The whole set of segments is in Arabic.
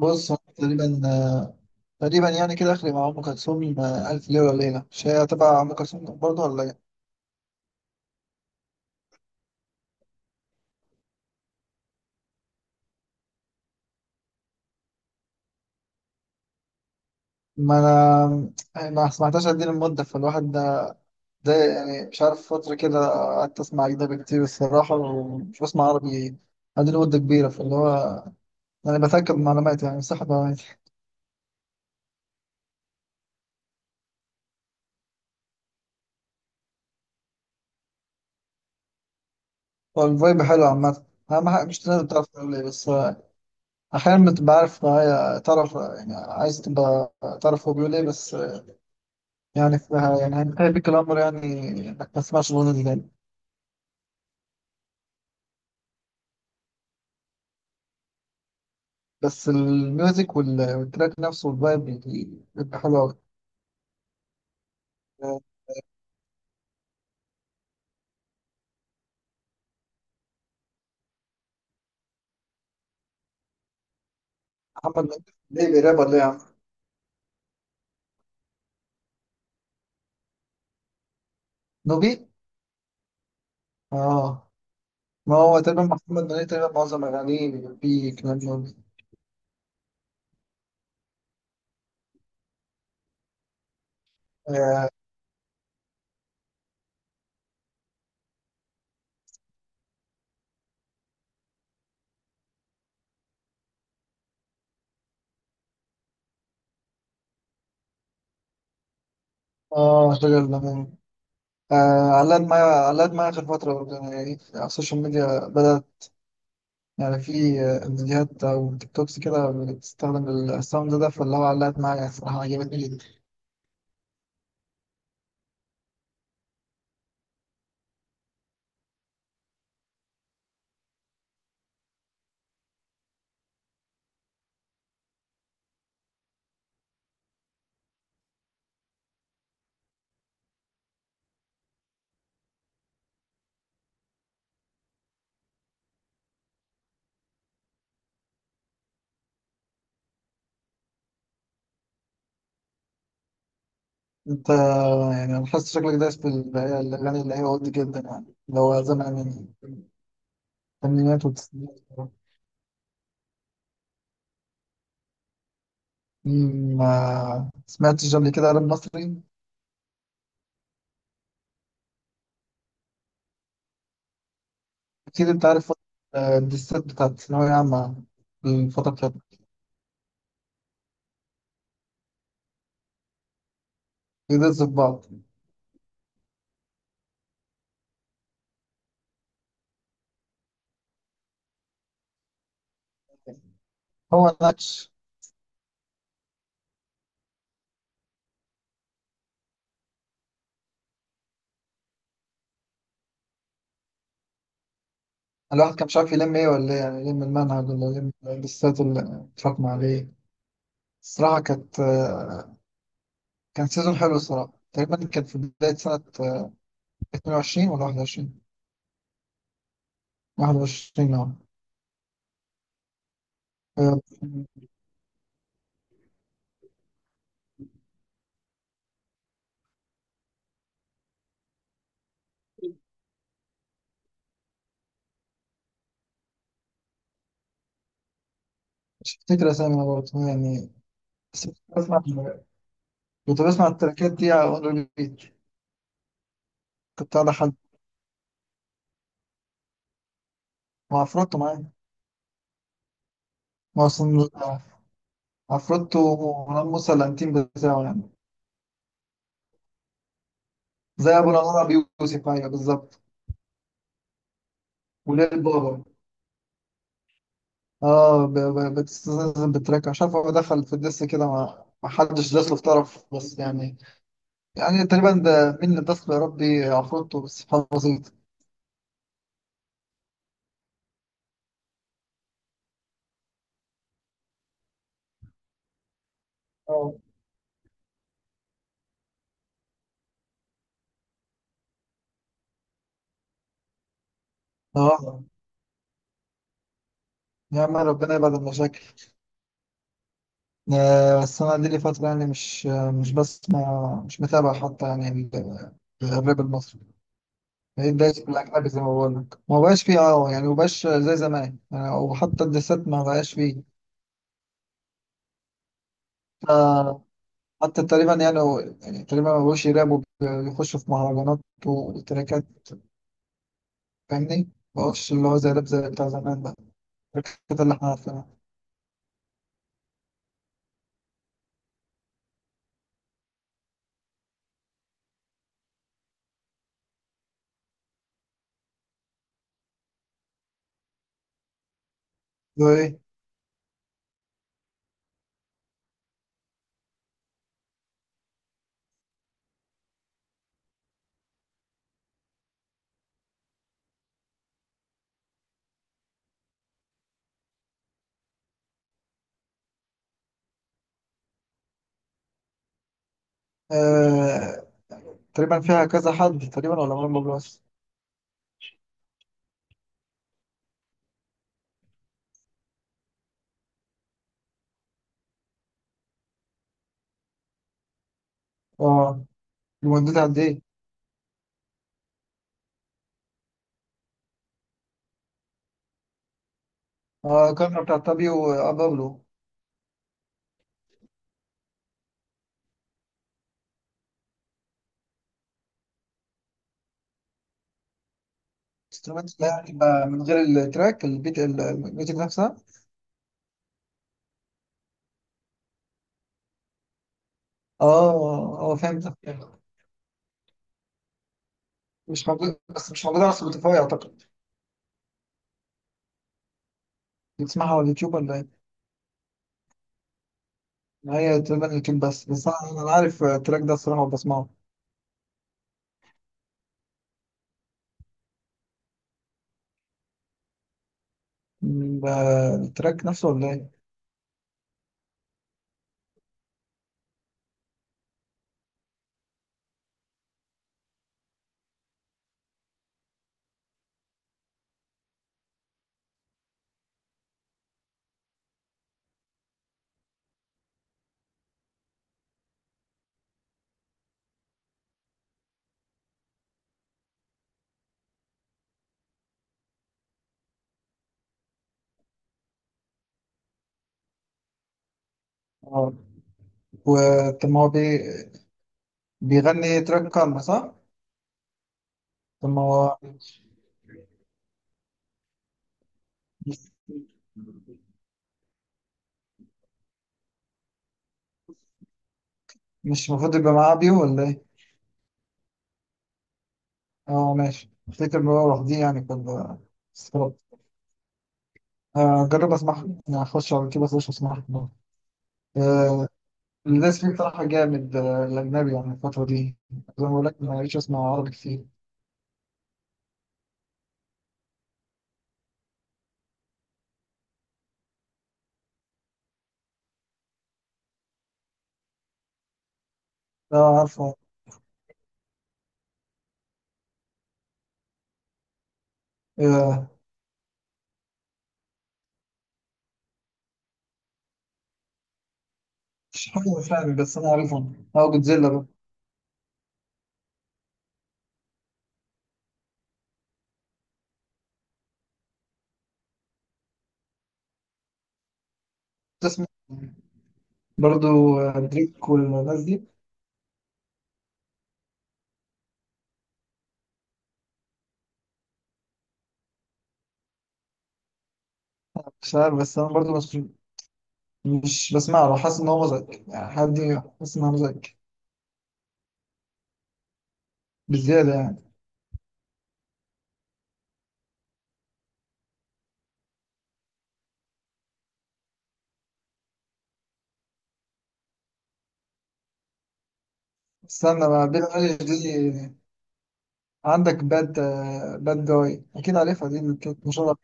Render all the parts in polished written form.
بص هو تقريبا تقريبا يعني كده اخري مع ام كلثوم الف ليله وليله مش هي تبع ام كلثوم برضه ولا ايه؟ ما انا يعني ما سمعتهاش قد ايه المده فالواحد ده. يعني مش عارف فتره كده قعدت اسمع اجنبي كتير الصراحه ومش بسمع عربي قد مده كبيره فاللي هو يعني بتاكد من معلوماتي يعني صح معلوماتي. هو الفايب حلو عامه، اهم حاجه مش لازم تعرف تقول ايه بس. احيانا بتبقى عارف معايا، تعرف يعني عايز تبقى تعرف هو بيقول ايه بس. يعني اسمها يعني هيبك الأمر يعني إنك ما تسمعش الأغنية دي تاني. بس الميوزك والتراك نفسه والفايب بيبقى حلو أوي. محمد منير ليه بيراب ولا إيه يا عم؟ نوبي؟ آه، ما هو تقريبا محمد منير تقريبا معظم أغانيه بيبقى فيه كلام نوبي. آه آه، شجر الليمون. آه، علاد معايا، علاد معايا آخر فترة برضه يعني، على السوشيال ميديا بدأت يعني في فيديوهات أو تيك توكس كده بتستخدم الساوند ده فاللي هو علقت معايا الصراحة، عجبتني جدا. انت يعني انا حاسس شكلك دايس هي الاغاني اللي هي ولد جدا يعني، اللي هو زمان من الثمانينات والتسعينات. ما سمعتش قبل كده راب مصري؟ اكيد انت عارف فترة، الدسات بتاعت الثانوية عامة، الفترة بتاعت بيدز في بعض. هو نكش، الواحد كان مش عارف يلم ايه ولا ايه يعني، يلم المنهج ولا يلم الدسات اللي اتراكم عليه. الصراحة كانت كان سيزون حلو الصراحة. تقريبا كان في بداية سنة 22 ولا 21. 21. اه، مش فاكر اسامي برضه يعني بس كنت بسمع، كنت بسمع التراكات دي على اون ريبيت. كنت على حد، مع عفروتو معايا. ما اصلا عفروتو ومروان موسى الانتيم بتاعه يعني، زي ابو الانوار. ابي يوسف، ايوه بالظبط. وليل بابا. اه، بتستلزم بالتراك، مش عارف هو دخل في الدس كده، ما حدش داس له في طرف بس يعني، يعني تقريبا ده مين اللي داس له؟ يا ربي، عفروتو، بس سبحان بسيط. اه. اه، يا عم ربنا يبعد المشاكل. بس أنا دي لي فترة يعني مش، مش بسمع، مش متابع حتى يعني ال- الراب المصري، بقيت دايس في الأجنبي زي ما بقول لك، ما بقاش فيه أه يعني، ما بقاش زي زمان يعني، وحتى الدسات ما بقاش فيه. ف- حتى تقريبا يعني، يعني تقريبا ما بقوش يرابوا، بيخشوا في مهرجانات وتراكات، فاهمني؟ ما بقوش اللي هو زي راب زي بتاع زمان بقى، التراكات اللي احنا عارفينها. اللي هو إيه؟ آه، تقريبا فيها كذا حد تقريبا ولا مرة بس؟ أه. المدة قد إيه؟ اه، الكاميرا بتاعت تابيو وابابلو. انسترومنت ده يعني من غير التراك، البيت الميوزك نفسها. اه. اه، فهمت. مش موجود، بس مش موجود على سبوتيفاي اعتقد. بتسمعها على اليوتيوب ولا ايه؟ هي تقريبا اليوتيوب بس، بس انا أنا عارف التراك ده الصراحه وبسمعه. م، ب- التراك نفسه ولا ايه؟ اه. وطب ما هو بيغني تراك كارما صح؟ طب ما هو، مش مش المفروض يبقى معاه بيو ولا ايه؟ اه ماشي، افتكر ان هو لوحديه يعني كان. هجرب اسمعها يعني، هخش على كده اسيرش واسمعها. آه، الناس فيه بصراحة جامد. الأجنبي يعني الفترة دي زي ما بقول لك، ما بقتش أسمع عربي كتير. لا عارفة. آه، مش حاجة فاهم بس أنا عارفهم، أه جودزيلا بقى. تسمع برضو دريك والناس دي؟ مش عارف، بس أنا برضو مش، مش بسمع له، حاسس إن هو مزعج يعني حد، حاسس إن هو مزعج بالزيادة يعني. استنى بقى، بيلي أيليش دي، عندك باد، باد جاي أكيد عارفها دي اللي كانت مشهورة.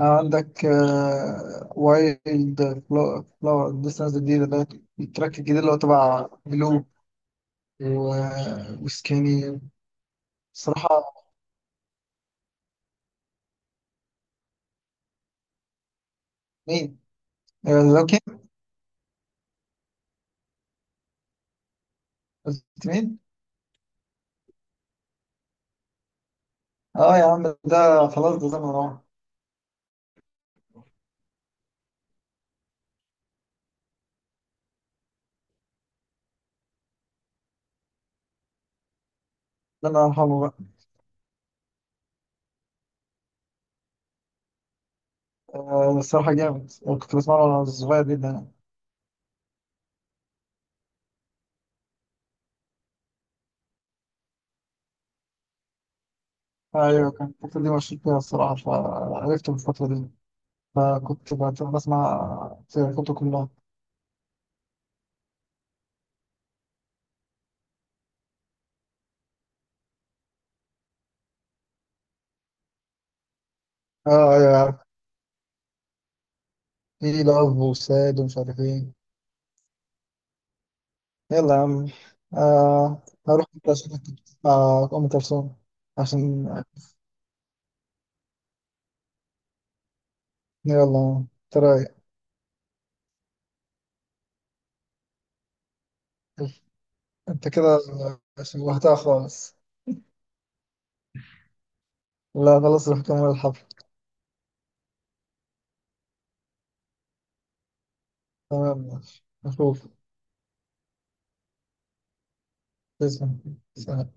عندك وايلد فلاور لسه نازل جديد ده، التراك الجديد اللي هو تبع بلو، وسكيني صراحة. مين؟ آه، لوكي. قلت مين؟ اه يا عم، ده خلاص ده زمن راح. ده انا هرحمه بقى. الصراحة جامد، أنا كنت بسمعه وانا صغير جدا يعني. ايوه كان الفترة دي مشهور فيها الصراحة، فعرفته في الفترة دي، فكنت بسمع فرقته كلها. اه ايوه عارف. في لاف وساد ومش عارف ايه. يلا يا عم. آه، هروح انت عشان أنت بتسمع أم كلثوم عشان. يلا انت رايق، انت كده شوهتها خالص. لا خلاص، روح كمل الحفل. تمام ماشي، نشوف. تسلم. سلام.